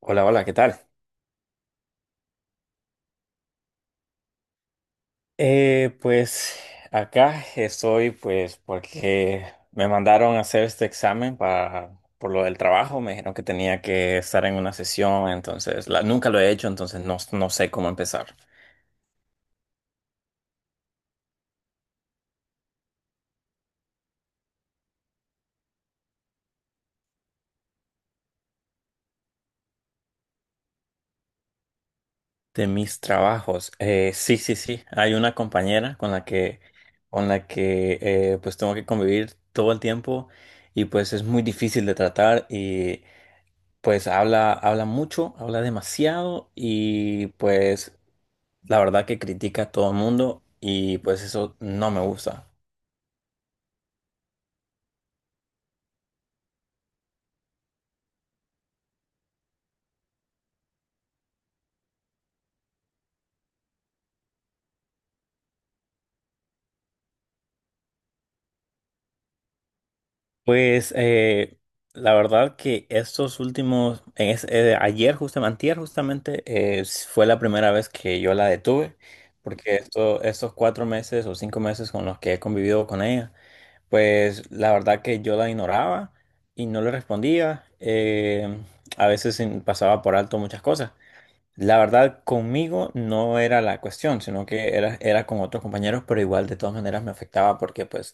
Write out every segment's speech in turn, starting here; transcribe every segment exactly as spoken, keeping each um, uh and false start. Hola, hola, ¿qué tal? Eh, pues acá estoy pues porque me mandaron a hacer este examen para, por lo del trabajo. Me dijeron que tenía que estar en una sesión, entonces la- nunca lo he hecho, entonces no, no sé cómo empezar. De mis trabajos, eh, sí, sí, sí, hay una compañera con la que, con la que eh, pues tengo que convivir todo el tiempo, y pues es muy difícil de tratar. Y pues habla, habla mucho, habla demasiado, y pues... la verdad que critica a todo el mundo y pues eso no me gusta. Pues eh, la verdad, que estos últimos, en es- eh, ayer justamente, antier justamente, eh, s- fue la primera vez que yo la detuve, porque esto, estos cuatro meses o cinco meses con los que he convivido con ella, pues la verdad que yo la ignoraba y no le respondía. Eh, a veces en- pasaba por alto muchas cosas. La verdad, conmigo no era la cuestión, sino que era, era con otros compañeros, pero igual de todas maneras me afectaba, porque pues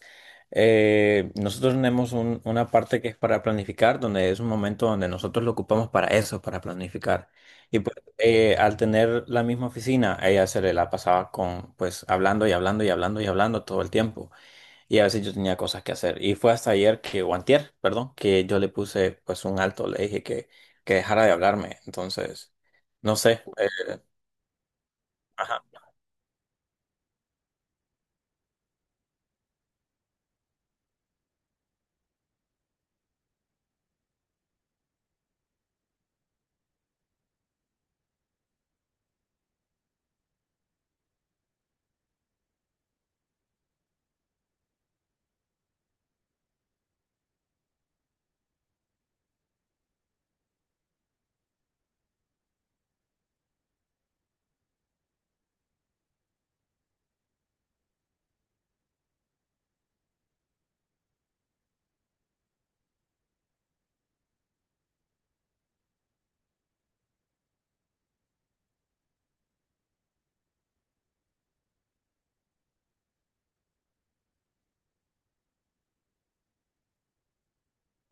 eh, nosotros tenemos un- una parte que es para planificar, donde es un momento donde nosotros lo ocupamos para eso, para planificar. Y pues eh, al tener la misma oficina, a ella se le la pasaba con pues hablando y hablando y hablando y hablando todo el tiempo. Y a veces yo tenía cosas que hacer. Y fue hasta ayer que, o antier, perdón, que yo le puse pues un alto. Le dije que, que dejara de hablarme. Entonces, no sé. Eh, ajá.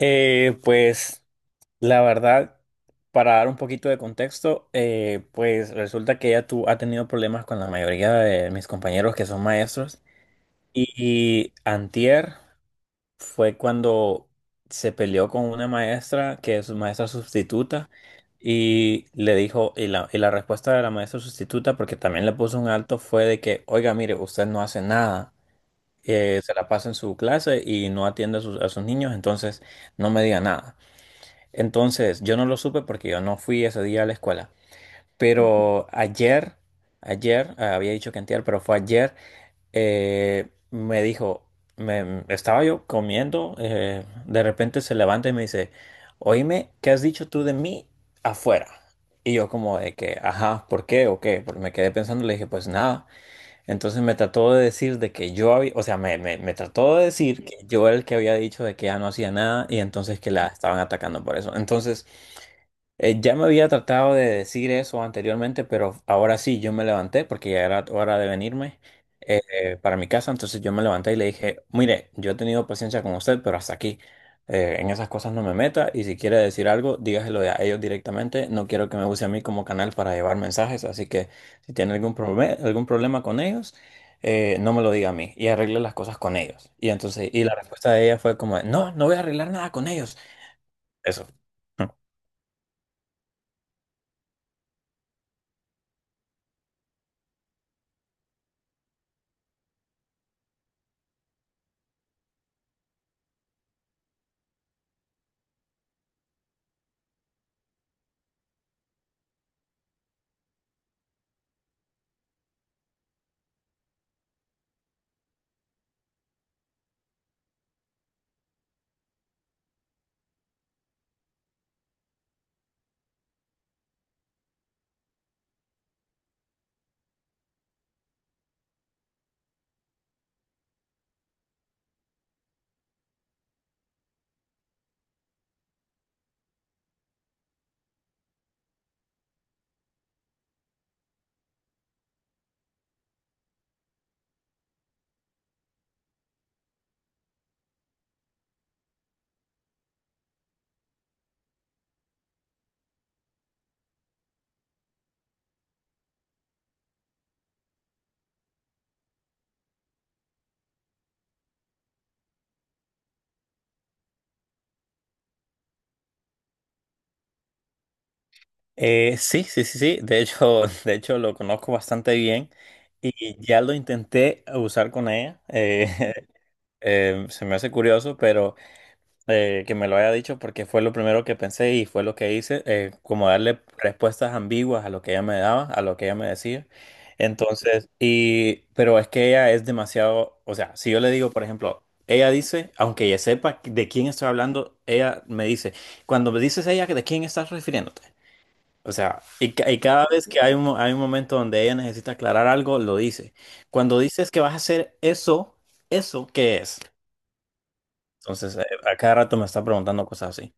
Eh, pues la verdad, para dar un poquito de contexto, eh, pues resulta que ella tu- ha tenido problemas con la mayoría de mis compañeros, que son maestros. Y, y antier fue cuando se peleó con una maestra que es maestra sustituta, y le dijo, y la, y la respuesta de la maestra sustituta, porque también le puso un alto, fue de que, oiga, mire, usted no hace nada, eh, se la pasa en su clase y no atiende a sus, a sus niños, entonces no me diga nada. Entonces, yo no lo supe porque yo no fui ese día a la escuela, pero ayer, ayer, eh, había dicho que antier, pero fue ayer. Eh, me dijo, me, estaba yo comiendo, eh, de repente se levanta y me dice, oíme, ¿qué has dicho tú de mí afuera? Y yo como de que, ajá, ¿por qué o qué? Porque me quedé pensando, le dije, pues nada. Entonces me trató de decir de que yo había, o sea, me, me, me trató de decir que yo era el que había dicho de que ya no hacía nada, y entonces que la estaban atacando por eso. Entonces... Eh, ya me había tratado de decir eso anteriormente, pero ahora sí, yo me levanté porque ya era hora de venirme eh, eh, para mi casa. Entonces yo me levanté y le dije, mire, yo he tenido paciencia con usted, pero hasta aquí. Eh, en esas cosas no me meta, y si quiere decir algo, dígaselo a ellos directamente. No quiero que me use a mí como canal para llevar mensajes, así que si tiene algún problema, algún problema con ellos, eh, no me lo diga a mí, y arregle las cosas con ellos. Y entonces, y la respuesta de ella fue como, no, no voy a arreglar nada con ellos. Eso. Eh, sí, sí, sí, sí. De hecho, de hecho lo conozco bastante bien y ya lo intenté usar con ella. Eh, eh, se me hace curioso, pero eh, que me lo haya dicho, porque fue lo primero que pensé y fue lo que hice, eh, como darle respuestas ambiguas a lo que ella me daba, a lo que ella me decía. Entonces, y, pero es que ella es demasiado, o sea, si yo le digo, por ejemplo, ella dice, aunque ella sepa de quién estoy hablando, ella me dice, cuando me dices ella, ¿de quién estás refiriéndote? O sea, y, ca- y cada vez que hay un, mo- hay un momento donde ella necesita aclarar algo, lo dice. Cuando dices que vas a hacer eso, ¿eso qué es? Entonces, eh, a cada rato me está preguntando cosas así.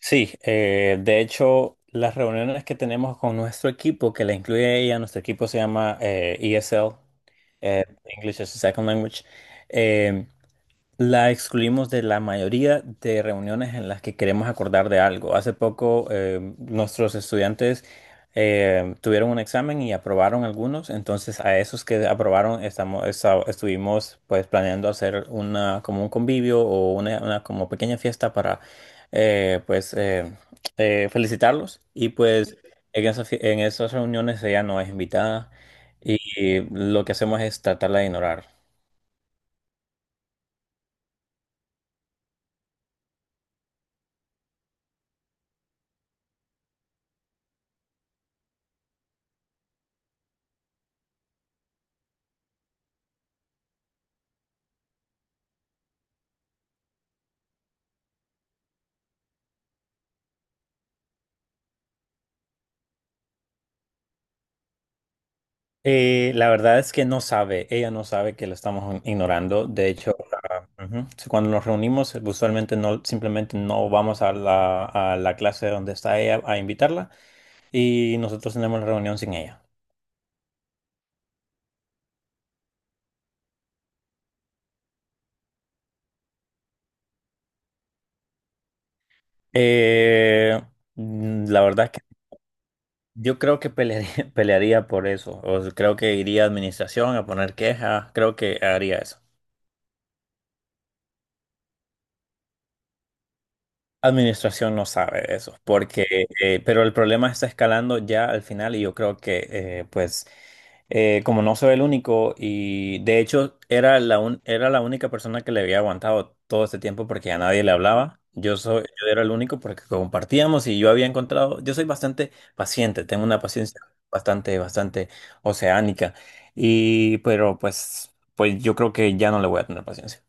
Sí, eh, de hecho, las reuniones que tenemos con nuestro equipo, que la incluye ella, nuestro equipo se llama eh, ESL, eh, English as a Second Language. Eh, la excluimos de la mayoría de reuniones en las que queremos acordar de algo. Hace poco eh, nuestros estudiantes eh, tuvieron un examen y aprobaron algunos, entonces a esos que aprobaron estamos, esta- estuvimos pues planeando hacer una como un convivio o una, una como pequeña fiesta para eh, pues eh, eh, felicitarlos, y pues en esas fie- en esas reuniones ella no es invitada, y lo que hacemos es tratarla de ignorar. Eh, la verdad es que no sabe, ella no sabe que la estamos in- ignorando. De hecho, ah, ujú, sí, cuando nos reunimos, eh, usualmente no, simplemente no vamos a la, a la clase donde está ella a invitarla, y nosotros tenemos la reunión sin ella. Eh, mm, la verdad es que yo creo que pelearía, pelearía por eso. O sea, creo que iría a administración a poner queja, creo que haría eso. Administración no sabe de eso, porque, eh, pero el problema está escalando ya al final, y yo creo que, eh, pues, eh, como no soy el único, y de hecho era la, un- era la única persona que le había aguantado todo este tiempo, porque a nadie le hablaba. Yo, soy, yo era el único, porque compartíamos, y yo había encontrado, yo soy bastante paciente, tengo una paciencia bastante, bastante oceánica, y pero pues, pues yo creo que ya no le voy a tener paciencia.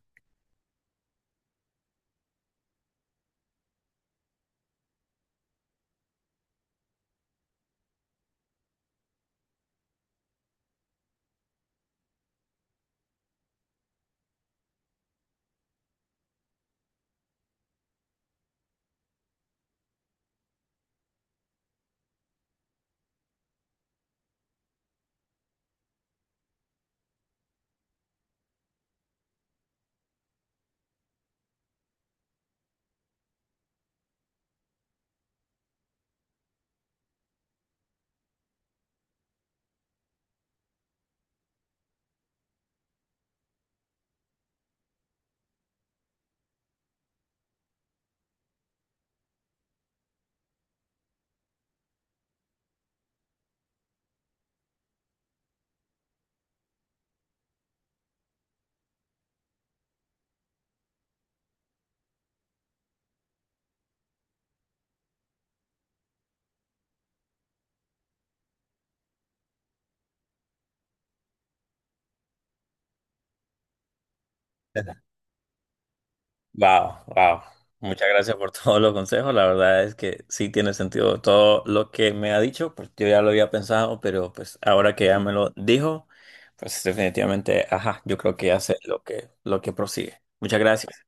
Wow, wow. Muchas gracias por todos los consejos. La verdad es que sí tiene sentido todo lo que me ha dicho. Pues yo ya lo había pensado, pero pues ahora que ya me lo dijo, pues definitivamente, ajá, yo creo que hace lo que lo que prosigue. Muchas gracias.